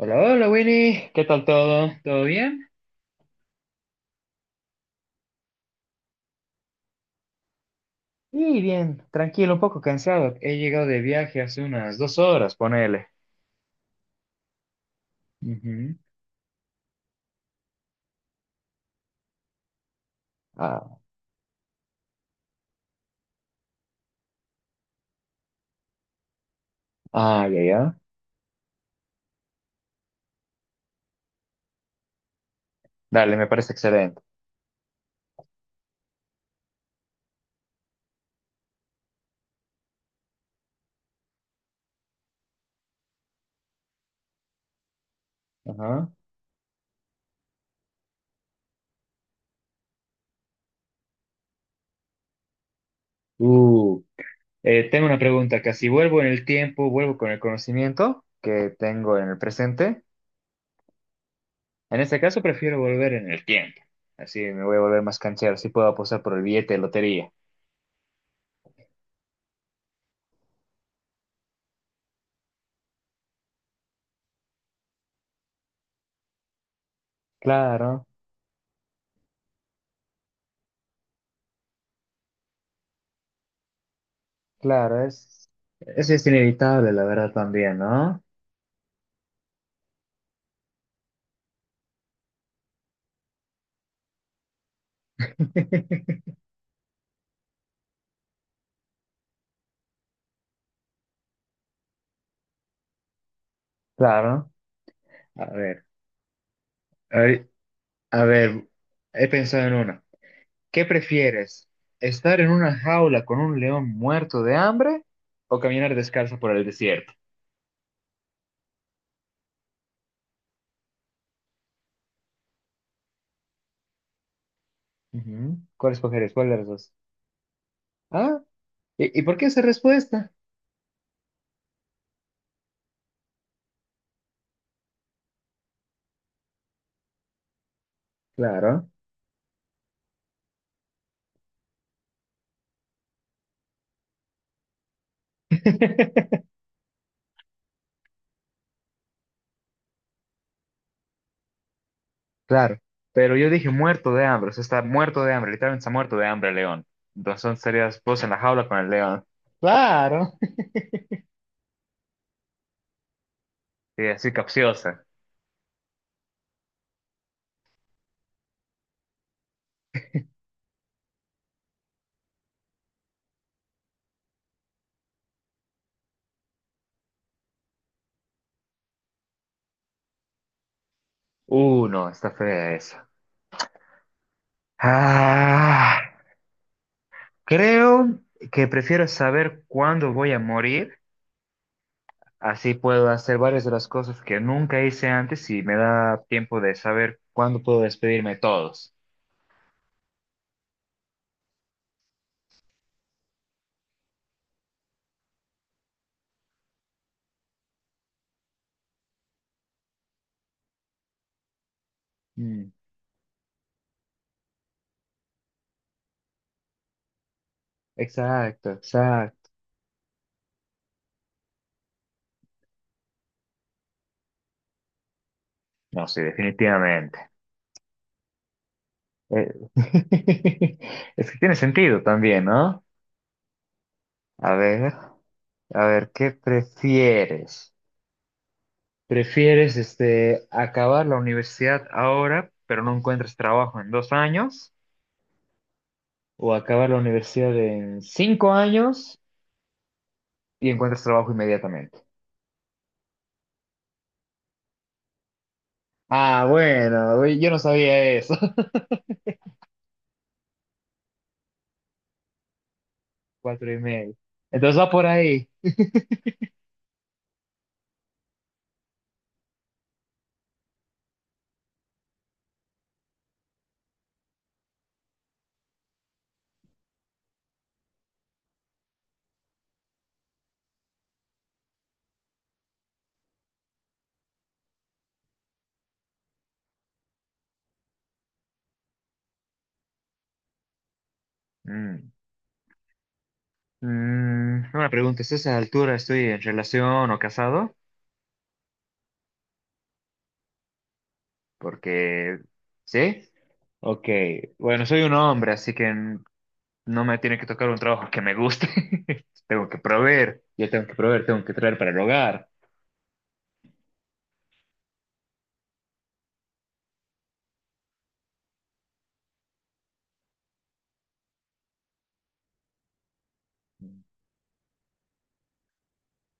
Hola, hola Winnie, ¿qué tal todo? ¿Todo bien? Y bien, tranquilo, un poco cansado. He llegado de viaje hace unas 2 horas, ponele. Ujú. Ah, Ah, ya, ya. Dale, me parece excelente. Ajá. Uh, tengo una pregunta acá. Si vuelvo en el tiempo, vuelvo con el conocimiento que tengo en el presente. En este caso, prefiero volver en el tiempo. Así me voy a volver más canchero. Así puedo apostar por el billete de lotería. Claro, claro, es, eso es inevitable, la verdad, también, ¿no? Claro. A ver, a ver, a ver, he pensado en una. ¿Qué prefieres? ¿Estar en una jaula con un león muerto de hambre o caminar descalzo por el desierto? Ujú. ¿Cuál escogerías? ¿Cuál de las dos? ¿Ah? ¿Y por qué esa respuesta? Claro, claro. Pero yo dije muerto de hambre, o sea, está muerto de hambre, literalmente está muerto de hambre el león. Entonces serías vos en la jaula con el león. Claro. Sí, así capciosa. No, está fea esa. Ah. Creo que prefiero saber cuándo voy a morir, así puedo hacer varias de las cosas que nunca hice antes y me da tiempo de saber cuándo puedo despedirme de todos. Mm, exacto, exacto. No, sí, definitivamente. Eh, es que tiene sentido también, ¿no? A ver, a ver, ¿qué prefieres? ¿Prefieres acabar la universidad ahora, pero no encuentras trabajo en 2 años? O acabas la universidad en 5 años y encuentras trabajo inmediatamente. Ah, bueno, uy, yo no sabía eso. Cuatro y medio. Entonces va por ahí. Mm. Mm, una pregunta, ¿es a esa altura estoy en relación o casado? Porque, ¿sí? Ok, bueno, soy un hombre, así que no me tiene que tocar un trabajo que me guste. Tengo que proveer, tengo que traer para el hogar.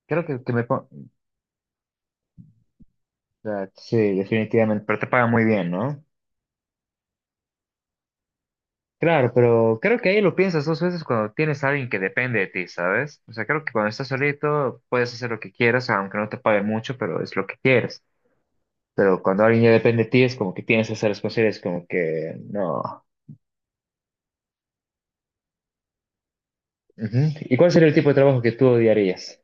Creo que, o sea, sí, definitivamente, pero te paga muy bien, ¿no? Claro, pero creo que ahí lo piensas dos veces cuando tienes a alguien que depende de ti, ¿sabes? O sea, creo que cuando estás solito puedes hacer lo que quieras, aunque no te pague mucho, pero es lo que quieres. Pero cuando alguien ya depende de ti es como que tienes que ser responsable, es como que no. Ujú. ¿Y cuál sería el tipo de trabajo que tú odiarías?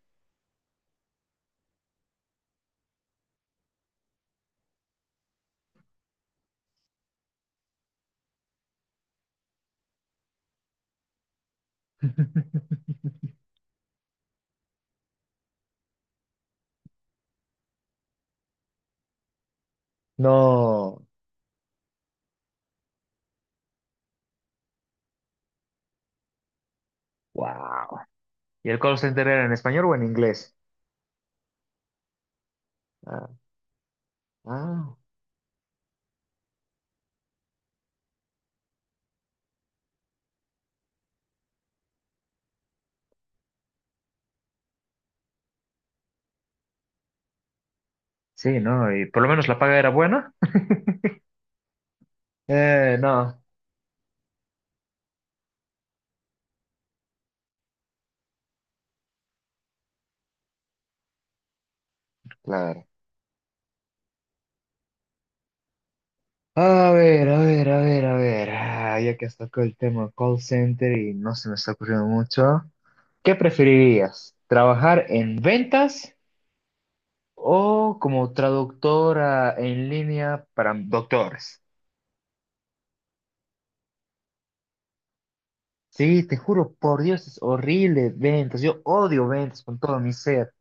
No. Wow. ¿Y el call center era en español o en inglés? Ah, ah. Sí, ¿no? ¿Y por lo menos la paga era buena? No. Claro. A ver. Ah, ya que has tocado el tema call center y no se me está ocurriendo mucho. ¿Qué preferirías? ¿Trabajar en ventas o como traductora en línea para doctores? Sí, te juro, por Dios, es horrible ventas. Yo odio ventas con todo mi ser.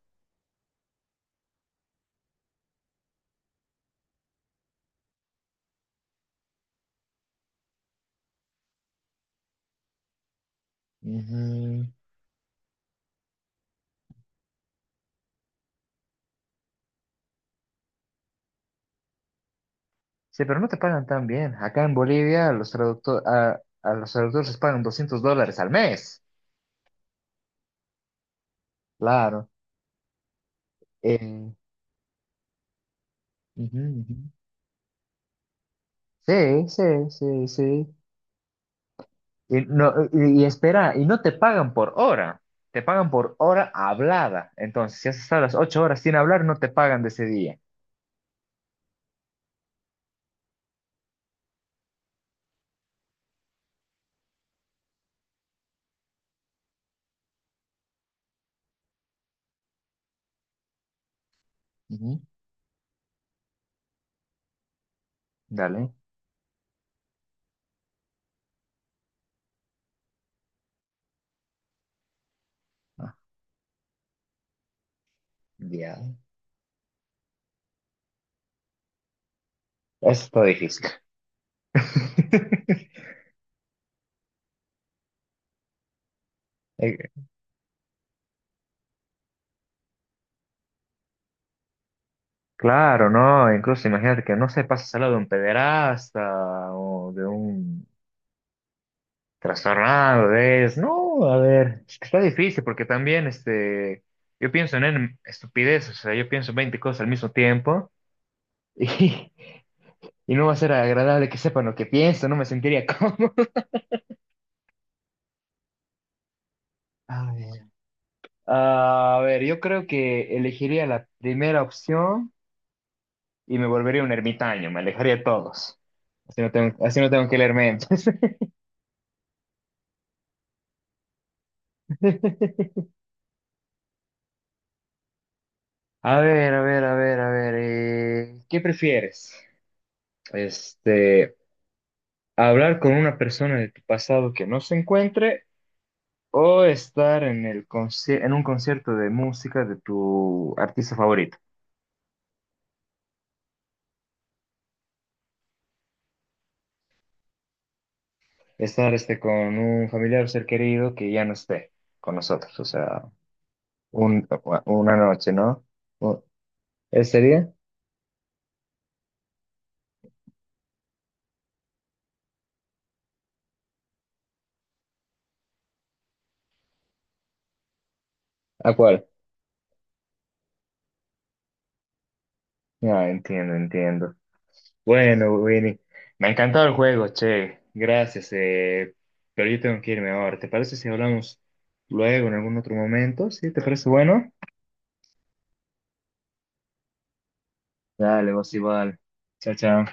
Ujú. Sí, pero no te pagan tan bien. Acá en Bolivia a los traductores les pagan $200 al mes. Claro. Eh, ujú, ujú. Sí, sí, sí, sí. Y espera, y no te pagan por hora, te pagan por hora hablada. Entonces, si has estado las 8 horas sin hablar, no te pagan de ese día. Ujú, dale. Ah, ya. Eso está difícil. Eh, claro, ¿no? Incluso imagínate que no se pasa al lado de un pederasta o de un trastornado de eso. No, a ver, es que está difícil porque también yo pienso en estupideces, o sea, yo pienso 20 cosas al mismo tiempo. Y, y no va a ser agradable que sepan lo que pienso, no me sentiría cómodo. A ver. A ver, yo creo que elegiría la primera opción y me volvería un ermitaño, me alejaría de todos. Así no tengo que leer mentes. A ver. ¿Qué prefieres? Este, hablar con una persona de tu pasado que no se encuentre o estar en en un concierto de música de tu artista favorito. Estar con un familiar o ser querido que ya no esté con nosotros, o sea, un, una noche, ¿no? O- ¿Ese día? ¿A cuál? Ah, entiendo, entiendo. Bueno, Winnie, me ha encantado el juego, che, gracias, pero yo tengo que irme ahora. ¿Te parece si hablamos luego en algún otro momento? ¿Sí? ¿Te parece bueno? Dale, vos igual. Chao, chao.